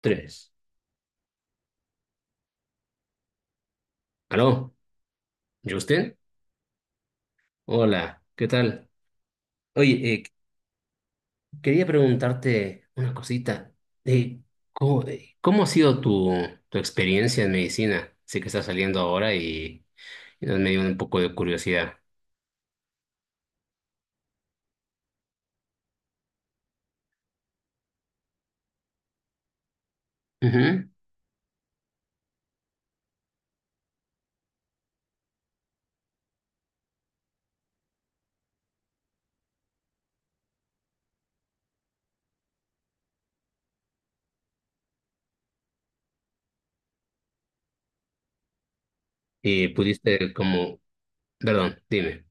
Tres. ¿Aló? ¿Justin? Hola, ¿qué tal? Oye, quería preguntarte una cosita. Eh, ¿Cómo, cómo ha sido tu experiencia en medicina? Sé que estás saliendo ahora y nos me dio un poco de curiosidad. Ujú. Y pudiste como, perdón, dime,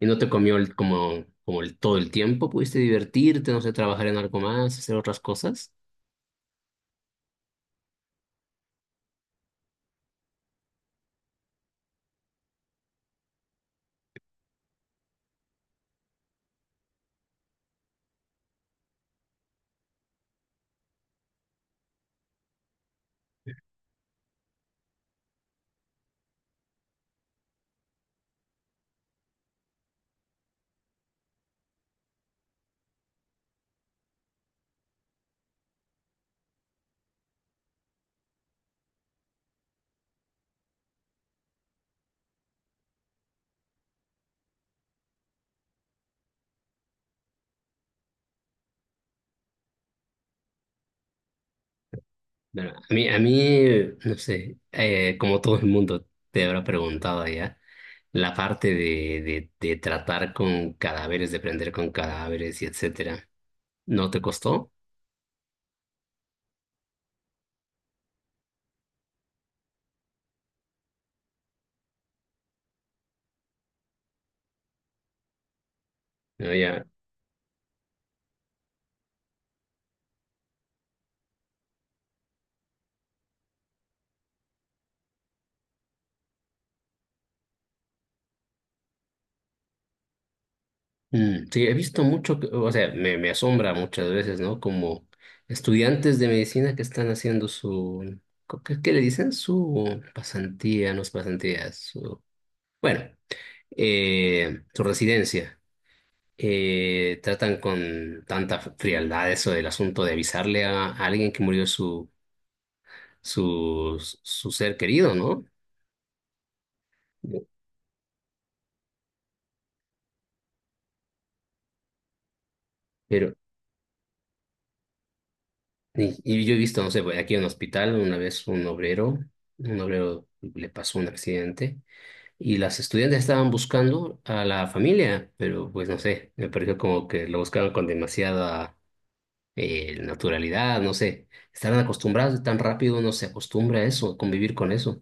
¿y no te comió como, todo el tiempo? ¿Pudiste divertirte, no sé, trabajar en algo más, hacer otras cosas? Bueno, a mí, no sé, como todo el mundo te habrá preguntado ya, la parte de tratar con cadáveres, de aprender con cadáveres y etcétera, ¿no te costó? No, ya. Mm, sí, he visto mucho, o sea, me asombra muchas veces, ¿no? Como estudiantes de medicina que están haciendo su, qué le dicen? Su pasantía, no es pasantía, su, bueno, su residencia tratan con tanta frialdad eso del asunto de avisarle a alguien que murió su ser querido, ¿no? Pero, y yo he visto, no sé, pues, aquí en un hospital, una vez un obrero le pasó un accidente y las estudiantes estaban buscando a la familia, pero pues no sé, me pareció como que lo buscaron con demasiada naturalidad, no sé, estarán acostumbrados tan rápido uno se acostumbra a eso, a convivir con eso.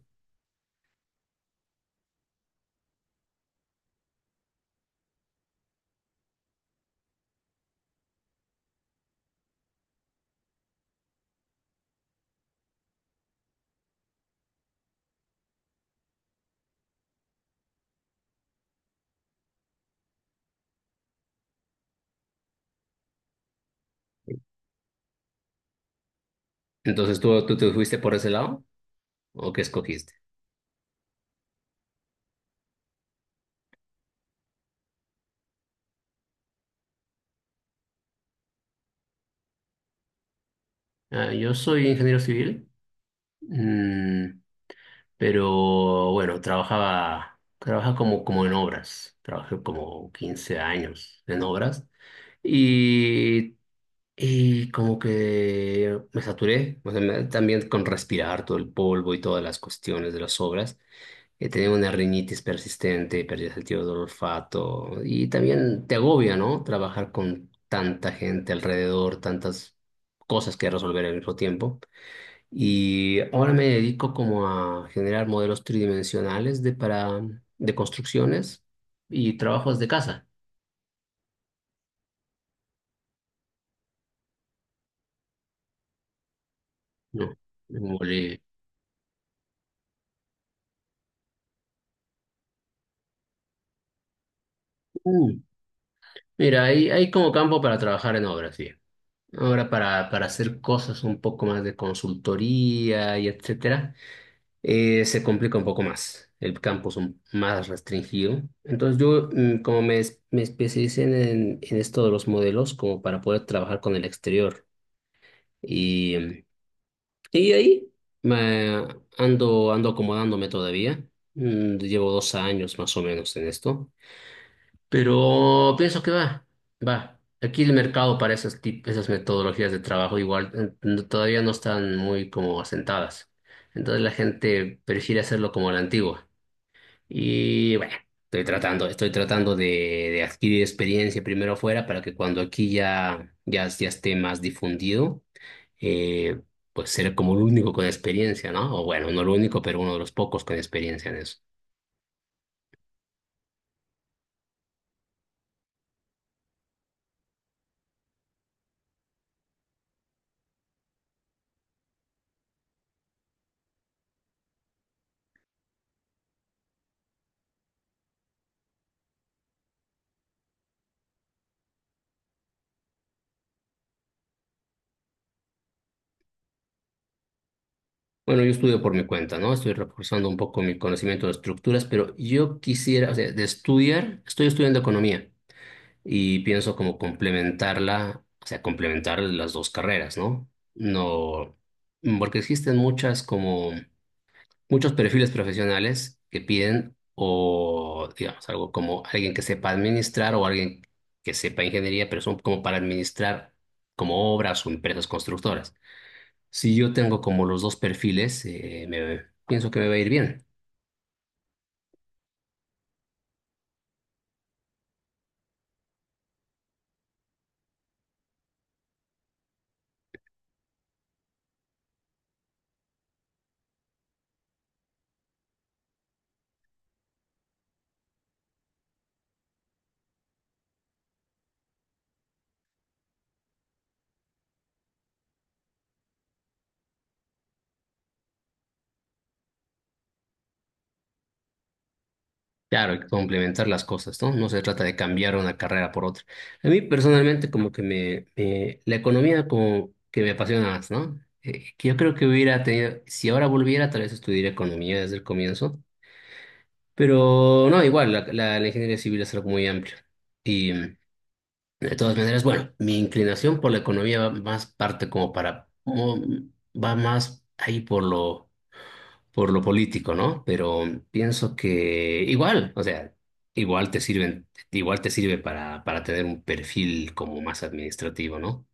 Entonces, tú te fuiste por ese lado? ¿O qué escogiste? Ah, yo soy ingeniero civil, mm, pero bueno, trabajaba como, como en obras. Trabajé como 15 años en obras y, y como que me saturé, o sea, también con respirar todo el polvo y todas las cuestiones de las obras, que te dé una rinitis persistente, pérdida del sentido del olfato y también te agobia, ¿no? Trabajar con tanta gente alrededor, tantas cosas que resolver al mismo tiempo. Y ahora me dedico como a generar modelos tridimensionales de para de construcciones y trabajos de casa, ¿no? Como mm, mira, hay como campo para trabajar en obras, sí. Ahora para hacer cosas un poco más de consultoría y etcétera, se complica un poco más. El campo es más restringido. Entonces yo, mm, me especialicé en esto de los modelos, como para poder trabajar con el exterior. Y, mm, y ahí me ando, ando acomodándome todavía. Mm, llevo 2 años más o menos en esto. Pero pienso que va, va. Aquí el mercado para esas metodologías de trabajo igual todavía no están muy como asentadas. Entonces la gente prefiere hacerlo como a la antigua. Y bueno, estoy tratando de adquirir experiencia primero afuera para que cuando aquí ya esté más difundido, eh, pues ser como el único con experiencia, ¿no? O bueno, no el único, pero uno de los pocos con experiencia en eso. Bueno, yo estudio por mi cuenta, ¿no? Estoy reforzando un poco mi conocimiento de estructuras, pero yo quisiera, o sea, de estudiar, estoy estudiando economía y pienso como complementarla, o sea, complementar las dos carreras, ¿no? No, porque existen muchas como muchos perfiles profesionales que piden o, digamos, algo como alguien que sepa administrar o alguien que sepa ingeniería, pero son como para administrar como obras o empresas constructoras. Si yo tengo como los dos perfiles, pienso que me va a ir bien. Claro, hay complementar las cosas, ¿no? No se trata de cambiar una carrera por otra. A mí personalmente como que la economía como que me apasiona más, ¿no? Que yo creo que hubiera tenido, si ahora volviera, tal vez estudiaría economía desde el comienzo, pero no, igual, la ingeniería civil es algo muy amplio. Y mm, de todas maneras, bueno, mi inclinación por la economía va más parte como para, como, mm, va más ahí por lo político, ¿no? Pero pienso que igual, o sea, igual te sirven, igual te sirve para tener un perfil como más administrativo, ¿no?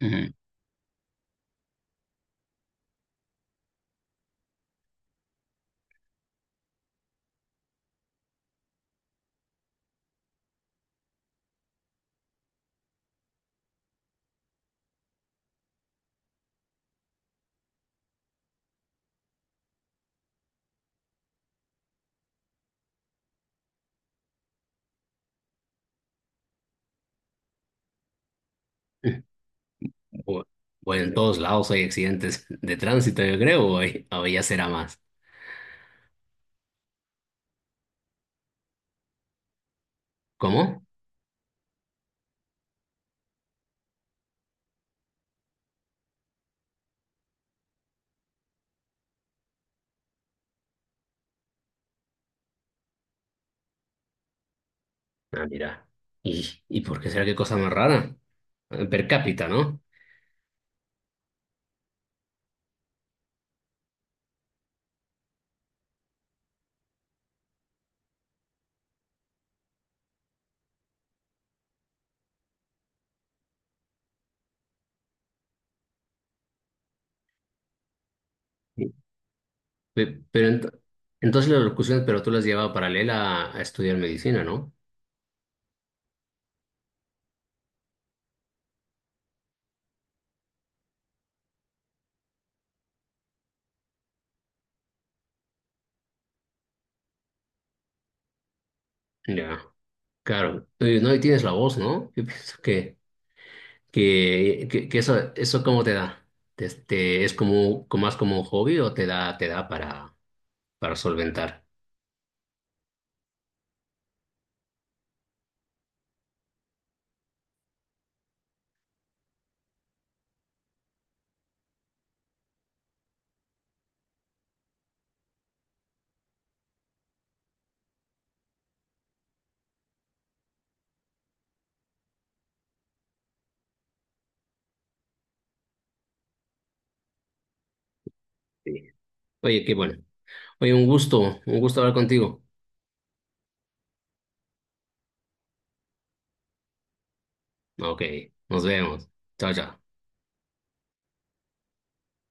Ujú. O, o en todos lados hay accidentes de tránsito, yo creo, o, o ya será más. ¿Cómo? Ah, mira. Y por qué será qué cosa más rara? Per cápita, ¿no? Sí. Pe- Pero, ent- entonces las locuciones, pero tú las llevabas paralela a estudiar medicina, ¿no? Ya, claro. Oye, no, y tienes la voz, ¿no? Yo pienso que eso, ¿eso cómo te da? Este, ¿es como, como más como un hobby o te da para solventar? Sí. Oye, qué bueno. Oye, un gusto hablar contigo. Ok, nos vemos. Chao, chao.